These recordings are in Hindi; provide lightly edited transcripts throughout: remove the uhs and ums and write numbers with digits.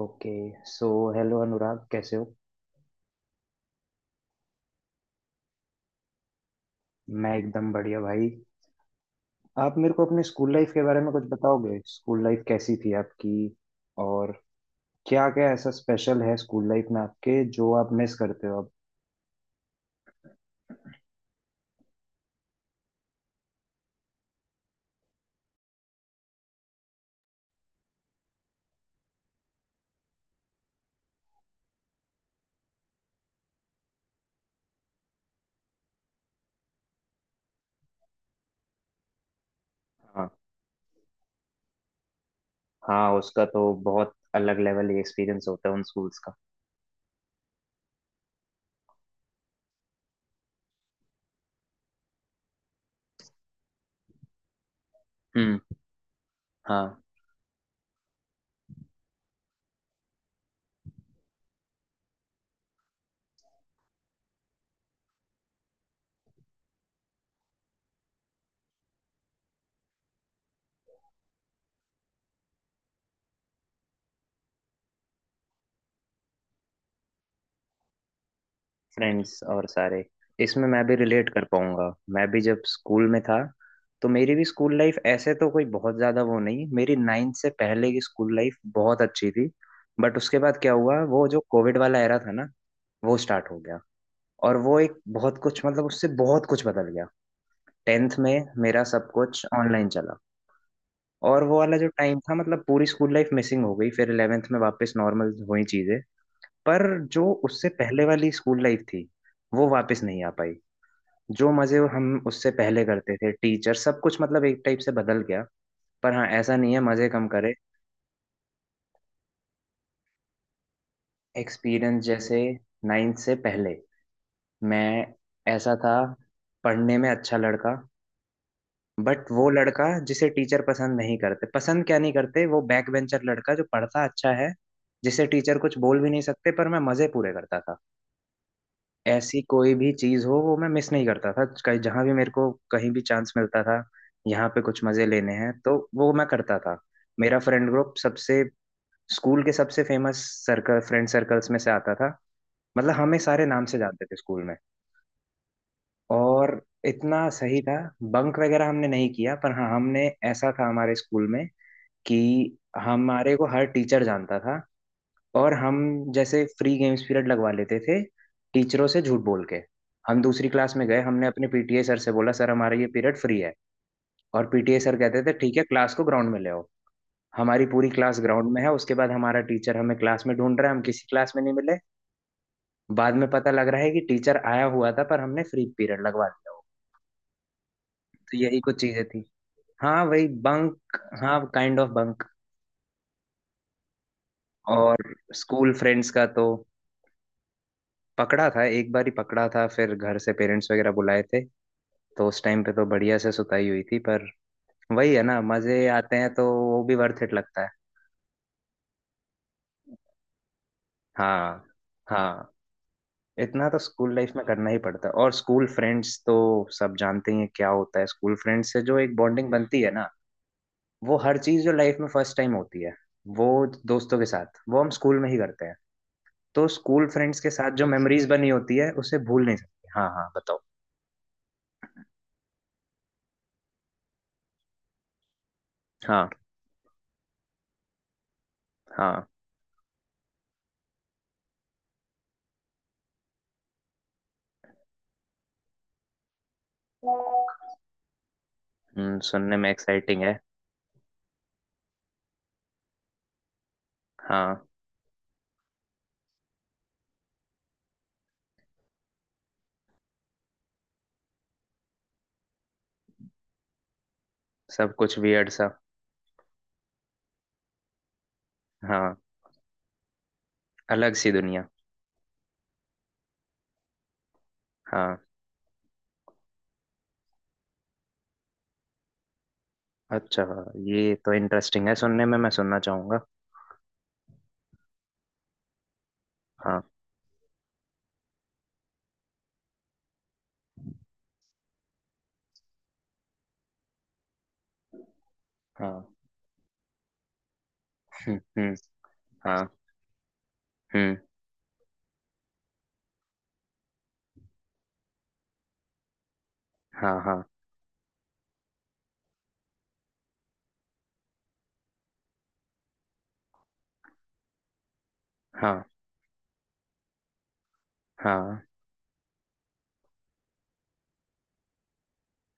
ओके। सो हेलो अनुराग, कैसे हो? मैं एकदम बढ़िया भाई। आप मेरे को अपने स्कूल लाइफ के बारे में कुछ बताओगे? स्कूल लाइफ कैसी थी आपकी? और क्या क्या ऐसा स्पेशल है स्कूल लाइफ में आपके जो आप मिस करते हो अब? हाँ हाँ, उसका तो बहुत अलग लेवल एक्सपीरियंस होता है उन स्कूल्स का। हम्म। हाँ, फ्रेंड्स और सारे, इसमें मैं भी रिलेट कर पाऊंगा। मैं भी जब स्कूल में था, तो मेरी भी स्कूल लाइफ ऐसे तो कोई बहुत ज़्यादा वो नहीं। मेरी नाइन्थ से पहले की स्कूल लाइफ बहुत अच्छी थी। बट उसके बाद क्या हुआ, वो जो कोविड वाला एरा था ना, वो स्टार्ट हो गया। और वो एक बहुत कुछ, मतलब उससे बहुत कुछ बदल गया। टेंथ में मेरा सब कुछ ऑनलाइन चला, और वो वाला जो टाइम था, मतलब पूरी स्कूल लाइफ मिसिंग हो गई। फिर इलेवेंथ में वापस नॉर्मल हुई चीज़ें। पर जो उससे पहले वाली स्कूल लाइफ थी, वो वापस नहीं आ पाई। जो मजे हम उससे पहले करते थे, टीचर, सब कुछ मतलब एक टाइप से बदल गया। पर हाँ, ऐसा नहीं है मजे कम करे। एक्सपीरियंस जैसे, नाइन्थ से पहले मैं ऐसा था, पढ़ने में अच्छा लड़का, बट वो लड़का जिसे टीचर पसंद नहीं करते, पसंद क्या नहीं करते, वो बैक बेंचर लड़का जो पढ़ता अच्छा है, जिसे टीचर कुछ बोल भी नहीं सकते, पर मैं मजे पूरे करता था। ऐसी कोई भी चीज हो, वो मैं मिस नहीं करता था। कहीं जहां भी मेरे को कहीं भी चांस मिलता था, यहाँ पे कुछ मजे लेने हैं, तो वो मैं करता था। मेरा फ्रेंड ग्रुप सबसे, स्कूल के सबसे फेमस सर्कल, फ्रेंड सर्कल्स में से आता था। मतलब हमें सारे नाम से जानते थे स्कूल में। और इतना सही था, बंक वगैरह हमने नहीं किया। पर हाँ, हमने ऐसा था हमारे स्कूल में कि हमारे को हर टीचर जानता था। और हम जैसे फ्री गेम्स पीरियड लगवा लेते थे टीचरों से झूठ बोल के। हम दूसरी क्लास में गए, हमने अपने पीटीए सर से बोला, सर हमारा ये पीरियड फ्री है। और पीटीए सर कहते थे, ठीक है क्लास को ग्राउंड में ले आओ। हमारी पूरी क्लास ग्राउंड में है। उसके बाद हमारा टीचर हमें क्लास में ढूंढ रहा है, हम किसी क्लास में नहीं मिले। बाद में पता लग रहा है कि टीचर आया हुआ था, पर हमने फ्री पीरियड लगवा दिया हो। तो यही कुछ चीजें थी। हाँ वही बंक, हाँ काइंड ऑफ बंक। और स्कूल फ्रेंड्स का तो, पकड़ा था, एक बार ही पकड़ा था। फिर घर से पेरेंट्स वगैरह बुलाए थे। तो उस टाइम पे तो बढ़िया से सुताई हुई थी, पर वही है ना, मजे आते हैं तो वो भी वर्थ इट लगता है। हाँ हाँ, इतना तो स्कूल लाइफ में करना ही पड़ता है। और स्कूल फ्रेंड्स तो सब जानते ही हैं क्या होता है। स्कूल फ्रेंड्स से जो एक बॉन्डिंग बनती है ना, वो हर चीज जो लाइफ में फर्स्ट टाइम होती है, वो दोस्तों के साथ, वो हम स्कूल में ही करते हैं। तो स्कूल फ्रेंड्स के साथ जो मेमोरीज बनी होती है, उसे भूल नहीं सकते। हाँ हाँ, बताओ। हाँ हाँ। सुनने में एक्साइटिंग है। हाँ, सब कुछ वियर्ड सा। हाँ, अलग सी दुनिया। हाँ अच्छा, हाँ ये तो इंटरेस्टिंग है सुनने में, मैं सुनना चाहूंगा। हाँ। हाँ। हम्म। हाँ। हम्म। हाँ हाँ। हाँ। हाँ।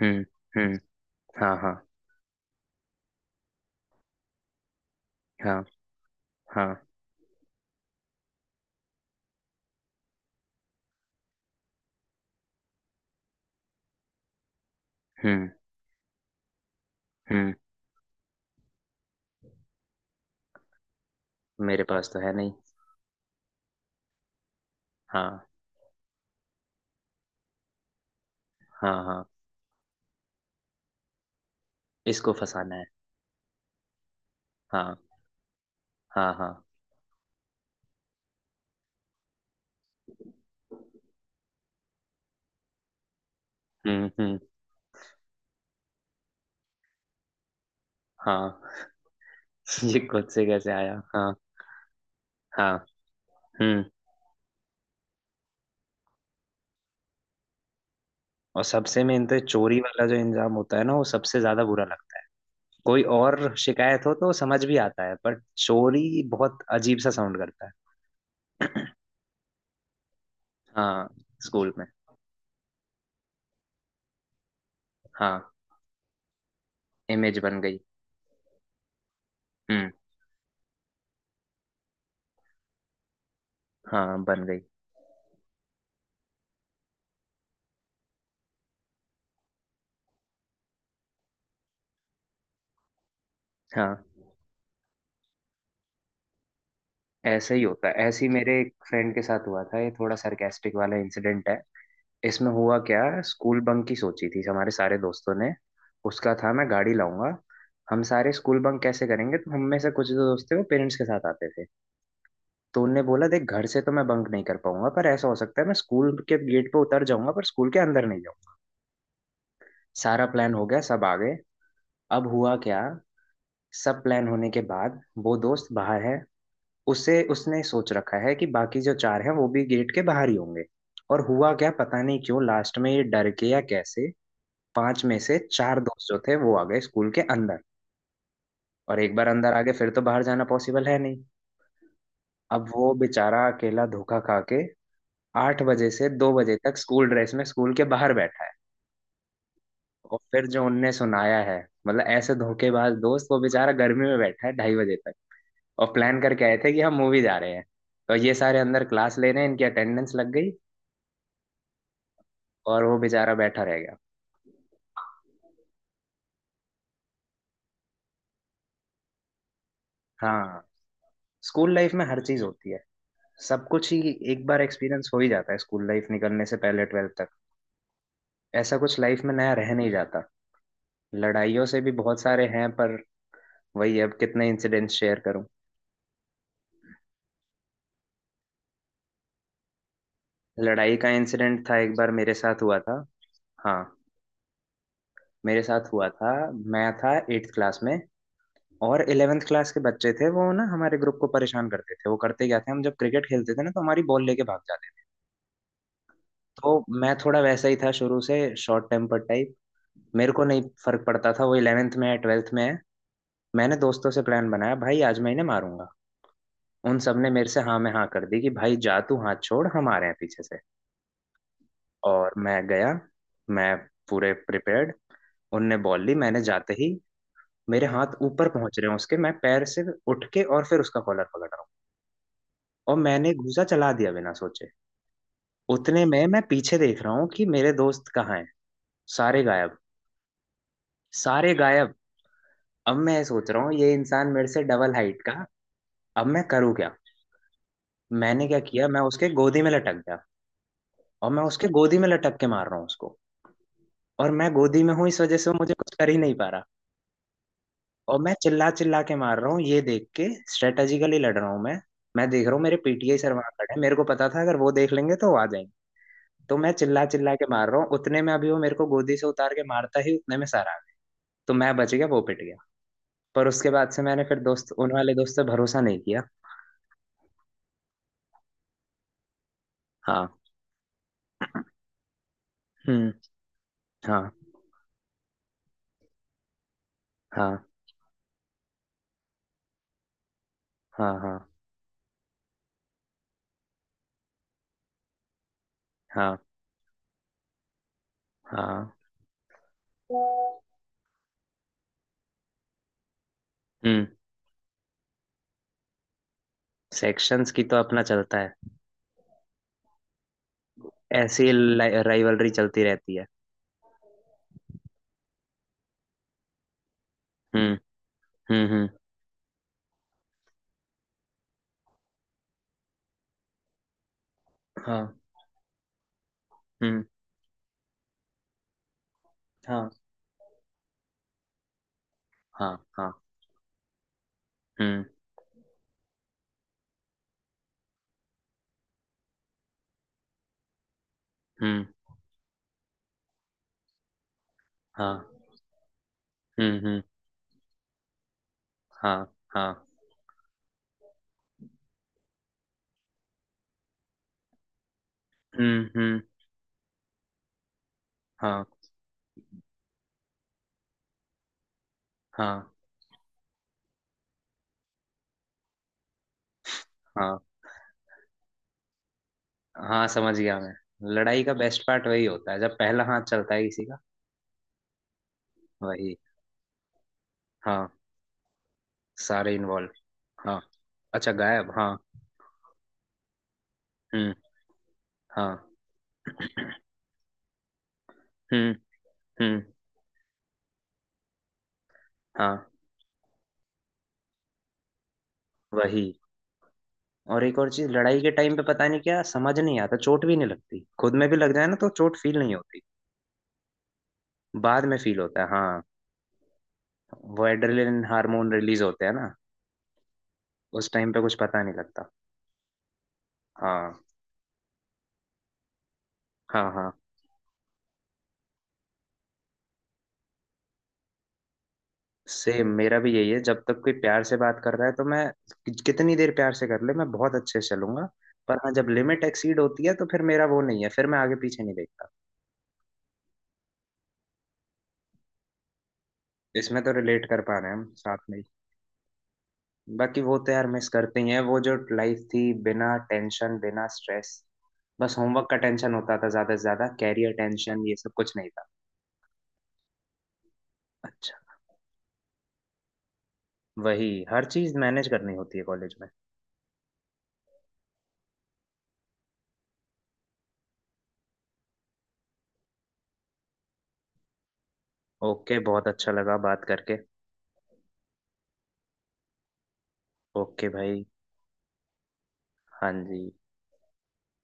हम्म हम्म। हाँ हाँ। हाँ। हाँ। हम्म हम्म। मेरे पास तो है नहीं। हाँ हाँ हाँ। इसको फंसाना है। हाँ हाँ हाँ। हम्म। हाँ। ये खुद से कैसे आया? हाँ। हाँ। हम्म। और सबसे मेन तो चोरी वाला जो इंजाम होता है ना, वो सबसे ज्यादा बुरा लगता है। कोई और शिकायत हो तो समझ भी आता है, पर चोरी बहुत अजीब सा साउंड करता है। हाँ। स्कूल में। हाँ, इमेज बन गई। हम्म। हाँ बन गई। हाँ, ऐसे ही होता है। ऐसे ही मेरे एक फ्रेंड के साथ हुआ था। ये थोड़ा सरकास्टिक वाला इंसिडेंट है। इसमें हुआ क्या, स्कूल बंक की सोची थी हमारे सारे दोस्तों ने। उसका था, मैं गाड़ी लाऊंगा। हम सारे स्कूल बंक कैसे करेंगे, तो हम में से कुछ जो दोस्त थे वो पेरेंट्स के साथ आते थे। तो उनने बोला, देख घर से तो मैं बंक नहीं कर पाऊंगा, पर ऐसा हो सकता है मैं स्कूल के गेट पे उतर जाऊंगा, पर स्कूल के अंदर नहीं जाऊंगा। सारा प्लान हो गया, सब आ गए। अब हुआ क्या, सब प्लान होने के बाद, वो दोस्त बाहर है। उसे, उसने सोच रखा है कि बाकी जो चार हैं वो भी गेट के बाहर ही होंगे। और हुआ क्या, पता नहीं क्यों लास्ट में ये डर के या कैसे, पांच में से चार दोस्त जो थे वो आ गए स्कूल के अंदर। और एक बार अंदर आ गए फिर तो बाहर जाना पॉसिबल है नहीं। अब वो बेचारा अकेला धोखा खा के आठ बजे से दो बजे तक स्कूल ड्रेस में स्कूल के बाहर बैठा है। और फिर जो उनने सुनाया है, मतलब ऐसे धोखेबाज दोस्त। वो बेचारा गर्मी में बैठा है ढाई बजे तक। और प्लान करके आए थे कि हम मूवी जा रहे हैं। तो ये सारे अंदर क्लास ले रहे हैं, इनकी अटेंडेंस लग गई, और वो बेचारा बैठा रह गया। हाँ, स्कूल लाइफ में हर चीज होती है। सब कुछ ही एक बार एक्सपीरियंस हो ही जाता है स्कूल लाइफ निकलने से पहले, ट्वेल्थ तक। ऐसा कुछ लाइफ में नया रह नहीं जाता। लड़ाइयों से भी बहुत सारे हैं, पर वही, अब कितने इंसिडेंट्स शेयर करूं। लड़ाई का इंसिडेंट था, एक बार मेरे साथ हुआ था। हाँ, मेरे साथ हुआ था। मैं था एट्थ क्लास में, और इलेवेंथ क्लास के बच्चे थे वो ना, हमारे ग्रुप को परेशान करते थे। वो करते क्या थे, हम जब क्रिकेट खेलते थे ना, तो हमारी बॉल लेके भाग जाते। तो मैं थोड़ा वैसा ही था शुरू से, शॉर्ट टेम्पर टाइप। मेरे को नहीं फर्क पड़ता था वो इलेवेंथ में है, ट्वेल्थ में है। मैंने दोस्तों से प्लान बनाया, भाई आज मैं इन्हें मारूंगा। उन सब ने मेरे से हाँ में हाँ कर दी कि भाई जा, तू हाथ छोड़, हम आ रहे हैं पीछे से। और मैं गया, मैं पूरे प्रिपेयर्ड। उनने बॉल ली, मैंने जाते ही, मेरे हाथ ऊपर पहुंच रहे हैं उसके, मैं पैर से उठ के, और फिर उसका कॉलर पकड़ रहा हूँ, और मैंने घूंसा चला दिया बिना सोचे। उतने में मैं पीछे देख रहा हूँ कि मेरे दोस्त कहाँ हैं। सारे गायब। सारे गायब। अब मैं सोच रहा हूँ ये इंसान मेरे से डबल हाइट का, अब मैं करूँ क्या। मैंने क्या किया, मैं उसके गोदी में लटक गया। और मैं उसके गोदी में लटक के मार रहा हूँ उसको। और मैं गोदी में हूँ इस वजह से वो मुझे कुछ कर ही नहीं पा रहा। और मैं चिल्ला चिल्ला के मार रहा हूँ ये देख के, स्ट्रेटेजिकली लड़ रहा हूँ मैं। मैं देख रहा हूँ मेरे पीटीआई सर वहां खड़े हैं, मेरे को पता था अगर वो देख लेंगे तो वो आ जाएंगे। तो मैं चिल्ला चिल्ला के मार रहा हूँ। उतने में अभी वो मेरे को गोदी से उतार के मारता ही, उतने में सर आ गया। तो मैं बच गया, वो पिट गया। पर उसके बाद से मैंने फिर दोस्त, उन वाले दोस्त से भरोसा नहीं किया। हाँ। हम्म। हाँ। हाँ हाँ। हाँ हाँ। हाँ। हम्म। सेक्शंस की तो अपना चलता है। ऐसी राइवलरी चलती रहती है। हम्म हम्म। हम्म। हाँ। हम्म। हाँ हाँ। हाँ। हम्म हम्म। हाँ। हम्म। हाँ हाँ। हम्म। हाँ हाँ। हाँ हाँ, समझ गया मैं। लड़ाई का बेस्ट पार्ट वही होता है जब पहला हाथ चलता है किसी का। वही। हाँ। सारे इन्वॉल्व। हाँ, अच्छा गायब। हाँ। हम्म। हाँ। हम्म हम्म। हाँ वही। और एक और चीज, लड़ाई के टाइम पे पता नहीं क्या, समझ नहीं आता, चोट भी नहीं लगती। खुद में भी लग जाए ना, तो चोट फील नहीं होती। बाद में फील होता है, हाँ। वो एड्रेनलिन हार्मोन रिलीज होते हैं ना, उस टाइम पे कुछ पता नहीं लगता। हाँ हाँ। हाँ। सेम मेरा भी यही है, जब तक कोई प्यार से बात कर रहा है तो मैं, कितनी देर प्यार से कर ले, मैं बहुत अच्छे से चलूंगा। पर हाँ, जब लिमिट एक्सीड होती है, तो फिर मेरा वो नहीं है, फिर मैं आगे पीछे नहीं देखता। इसमें तो रिलेट कर पा रहे हैं हम साथ में ही। बाकी वो तो यार मिस करते ही हैं, वो जो लाइफ थी बिना टेंशन बिना स्ट्रेस। बस होमवर्क का टेंशन होता था ज्यादा से ज्यादा, कैरियर टेंशन ये सब कुछ नहीं था। अच्छा। वही, हर चीज मैनेज करनी होती है कॉलेज में। ओके, बहुत अच्छा लगा बात करके। ओके भाई। हाँ जी।